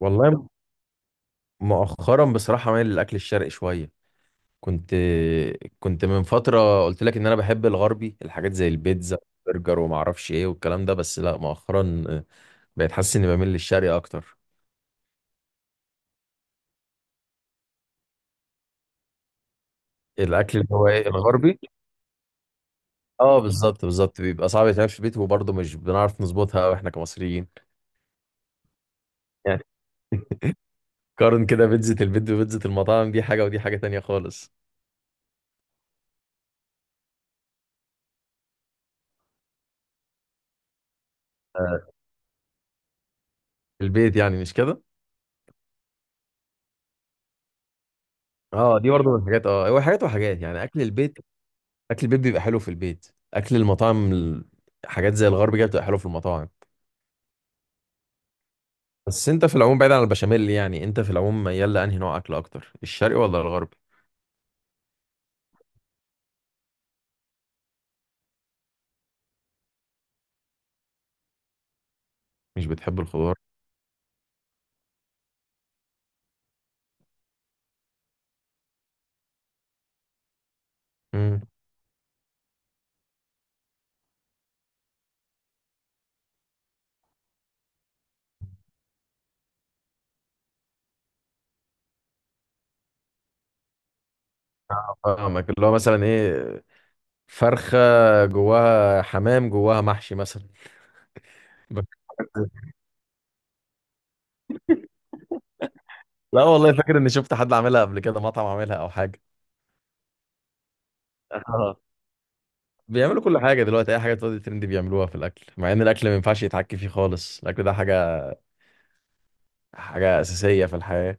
والله، مؤخرا بصراحة مايل للأكل الشرقي شوية. كنت كنت من فترة قلت لك إن أنا بحب الغربي، الحاجات زي البيتزا، برجر وما أعرفش إيه والكلام ده. بس لا، مؤخرا بقيت حاسس إني بميل للشرقي أكتر. الأكل اللي هو إيه الغربي؟ أه، بالظبط بالظبط، بيبقى صعب يتعمل في البيت، وبرضه مش بنعرف نظبطها أوي إحنا كمصريين. يعني قارن كده بيتزا البيت وبيتزا المطاعم، دي حاجة ودي حاجة تانية خالص. آه، البيت يعني مش كده؟ اه، دي برضه من الحاجات. اه هو حاجات وحاجات، يعني اكل البيت. اكل البيت بيبقى حلو في البيت، اكل المطاعم حاجات زي الغرب كده بتبقى حلو في المطاعم. بس انت في العموم بعيد عن البشاميل، يعني انت في العموم ميال لانهي نوع اكل اكتر، الشرقي ولا الغربي؟ مش بتحب الخضار. امم فاهمك، اللي هو مثلا ايه، فرخه جواها حمام، جواها محشي مثلا. ب- لا والله، فاكر اني شفت حد عاملها قبل كده، مطعم عاملها او حاجه. اه، بيعملوا كل حاجه دلوقتي، اي حاجه تقعد ترند بيعملوها في الاكل، مع ان الاكل ما ينفعش يتحكي فيه خالص، الاكل ده حاجه اساسيه في الحياه.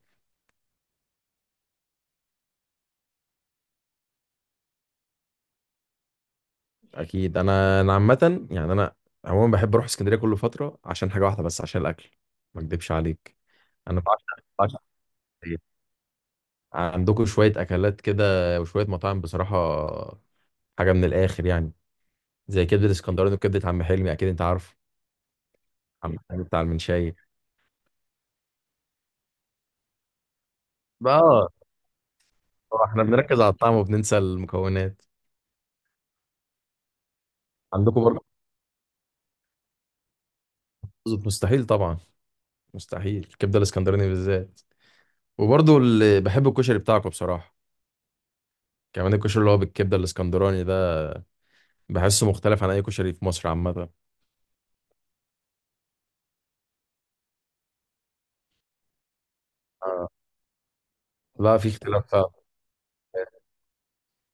اكيد. انا عامه يعني، انا عموما بحب اروح اسكندريه كل فتره عشان حاجه واحده بس، عشان الاكل، ما اكدبش عليك. انا بعشق بعشق اسكندرية. عندكم شويه اكلات كده وشويه مطاعم بصراحه، حاجه من الاخر يعني، زي كبده الاسكندراني وكبده عم حلمي، اكيد انت عارف عم حلمي بتاع المنشاي. بقى طبعاً احنا بنركز على الطعم وبننسى المكونات. عندكم برضه، مستحيل طبعا، مستحيل الكبده الاسكندراني بالذات. وبرضه اللي بحب الكشري بتاعكم بصراحه، كمان الكشري اللي هو بالكبده الاسكندراني، بحسه مختلف عن اي كشري في مصر عامه. آه. لا، في اختلاف فعلا.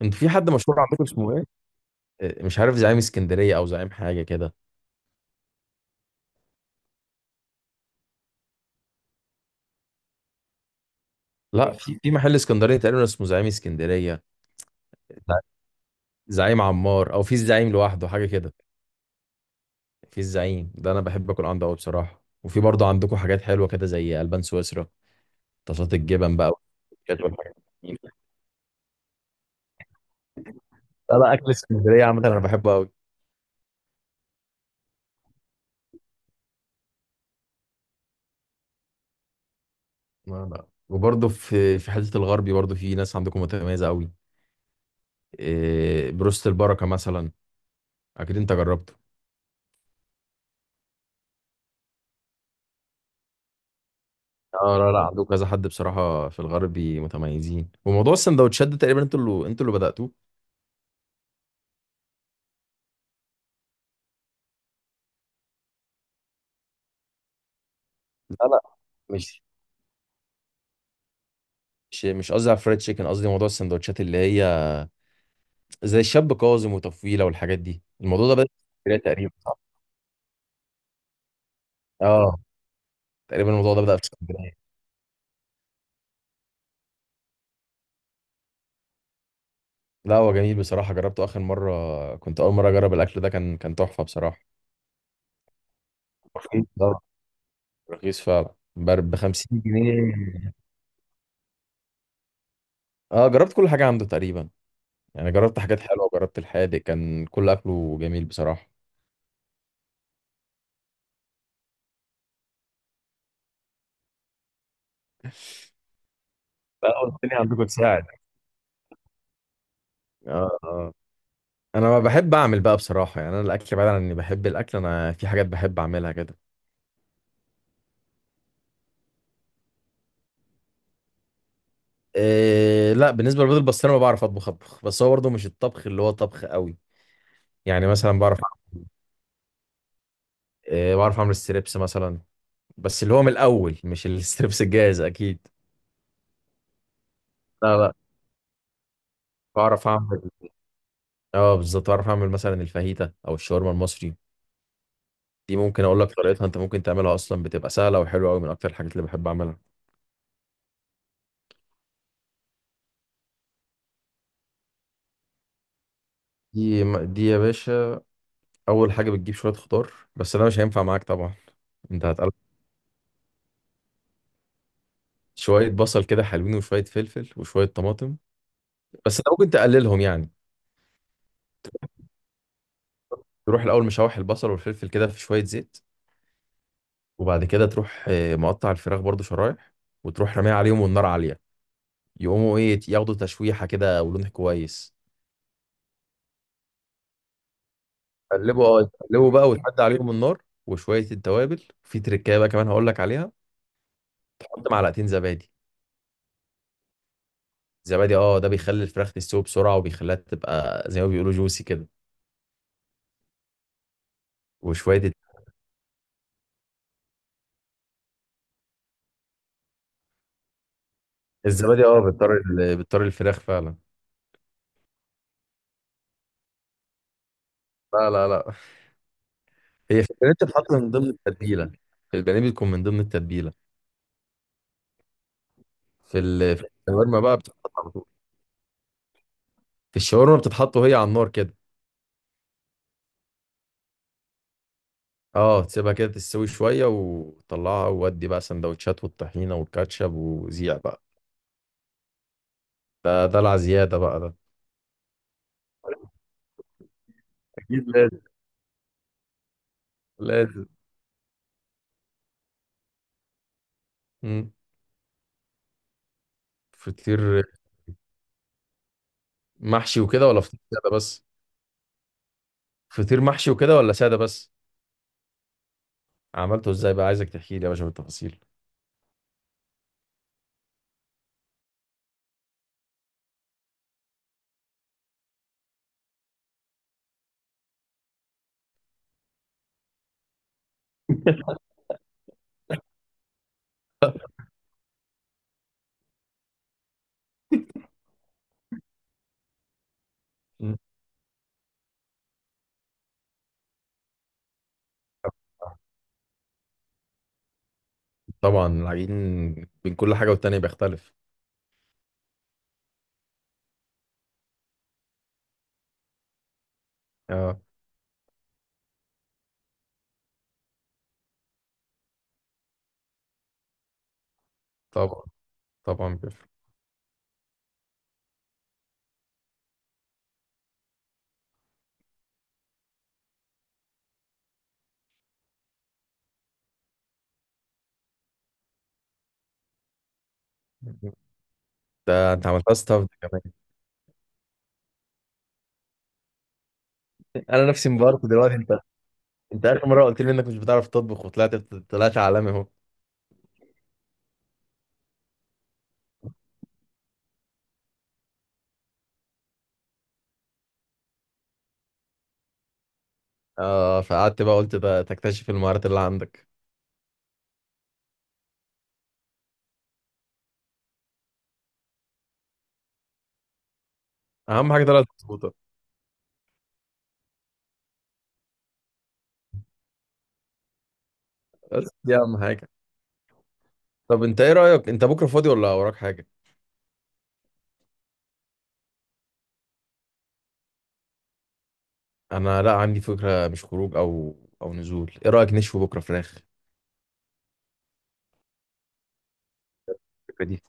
انت في حد مشهور عندكم اسمه ايه؟ مش عارف، زعيم اسكندريه او زعيم حاجه كده. لا، في محل اسكندريه تقريبا اسمه زعيم اسكندريه. ز- زعيم عمار او في الزعيم لوحده، حاجه كده. في الزعيم ده انا بحب اكل عنده قوي بصراحه. وفي برضه عندكم حاجات حلوه كده زي البان سويسرا، طاسات الجبن بقى والحاجات والحاجات دي. لا لا، اكل اسكندريه عامه انا بحبه قوي. لا لا، وبرضه في حته الغربي برضه في ناس عندكم متميزه قوي. بروست البركه مثلا، اكيد انت جربته. اه. لا لا، مم، عندكم كذا حد بصراحه في الغربي متميزين. وموضوع السندوتشات ده تقريبا انتوا اللي بداتوه. لا لا، مش مش قصدي على الفرايد تشيكن، قصدي موضوع السندوتشات اللي هي زي الشاب كاظم وتفويله والحاجات دي. الموضوع ده بدا في اسكندريه تقريبا، صح؟ اه، تقريبا الموضوع ده بدا في اسكندريه. لا، هو جميل بصراحه، جربته اخر مره، كنت اول مره اجرب الاكل ده، كان تحفه بصراحه. رخيص اه، رخيص فعلا ب 50 جنيه. اه، جربت كل حاجه عنده تقريبا، يعني جربت حاجات حلوة، جربت الحادق، كان كل أكله جميل بصراحة. بقى قلت لي عندكم تساعد. اه اه. أنا ما بحب أعمل بقى بصراحة، يعني أنا الأكل بعيد عن إني بحب الأكل، أنا في حاجات بحب أعملها كده. إيه لا، بالنسبة للبيض البسطرمة بعرف أطبخ، بس هو برضه مش الطبخ اللي هو طبخ قوي. يعني مثلا بعرف إيه، بعرف أعمل ستريبس مثلا، بس اللي هو من الأول، مش الستريبس الجاهز أكيد. لا لا، بعرف أعمل، اه بالظبط، بعرف أعمل مثلا الفاهيتا أو الشاورما المصري. دي ممكن اقول لك طريقتها، انت ممكن تعملها اصلا، بتبقى سهله وحلوه قوي، من اكتر الحاجات اللي بحب اعملها. دي يا باشا، اول حاجه بتجيب شويه خضار، بس انا مش هينفع معاك طبعا. انت هتقلب شويه بصل كده حلوين، وشويه فلفل وشويه طماطم. بس انت ممكن تقللهم يعني. تروح الاول مشوح البصل والفلفل كده في شويه زيت، وبعد كده تروح مقطع الفراخ برضو شرايح، وتروح راميها عليهم والنار عاليه، يقوموا ايه، ياخدوا تشويحه كده ولون كويس. تقلبوا، تقلبوا بقى، وتحد عليهم النار، وشويه التوابل. في تركايه بقى كمان هقول لك عليها، حط معلقتين زبادي. زبادي اه، ده بيخلي الفراخ تستوي بسرعه، وبيخليها تبقى زي ما بيقولوا جوسي كده. وشويه الزبادي اه، بتطري الفراخ فعلا. لا لا لا، هي في البانيه بتتحط من ضمن التتبيله، في البانيه بتكون من ضمن التتبيله. في الشاورما بقى بتتحط على طول، في الشاورما بتتحط وهي على النار كده. اه، تسيبها كده تستوي شويه وطلعها، وودي بقى سندوتشات والطحينه والكاتشب وزيع بقى. ده العزياده بقى ده. اكيد لازم. لازم. مم. فطير محشي وكده ولا فطير ساده بس؟ فطير محشي وكده ولا ساده بس؟ عملته ازاي بقى؟ عايزك تحكي لي يا باشا بالتفاصيل. مم. طبعا العجين بين كل حاجه والتانيه بيختلف. اه طبعا، طبعا بيفرق. ده انت عملتها ستاف كمان. انا نفسي مبارك دلوقتي. انت اخر مره قلت لي انك مش بتعرف تطبخ، وطلعت طلعت عالمي اهو. اه فقعدت بقى، قلت ده تكتشف المهارات اللي عندك. اهم حاجه طلعت مظبوطه. بس دي اهم حاجه. طب انت ايه رايك، انت بكره فاضي ولا وراك حاجه؟ انا لا، عندي فكره، مش خروج او نزول، ايه رايك نشوي بكره فراخ؟ الفكره دي،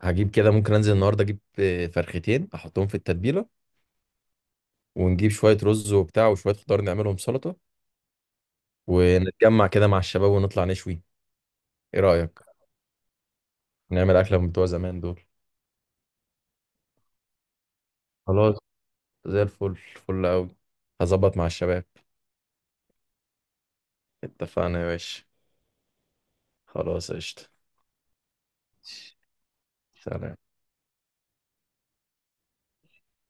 هجيب كده، ممكن انزل النهارده اجيب فرختين احطهم في التتبيله، ونجيب شويه رز وبتاع، وشويه خضار نعملهم سلطه، ونتجمع كده مع الشباب ونطلع نشوي. ايه رايك؟ نعمل اكله من بتوع زمان دول. خلاص، زي الفل، فل قوي. هظبط مع الشباب. اتفقنا يا باشا. خلاص قشطه. سلام.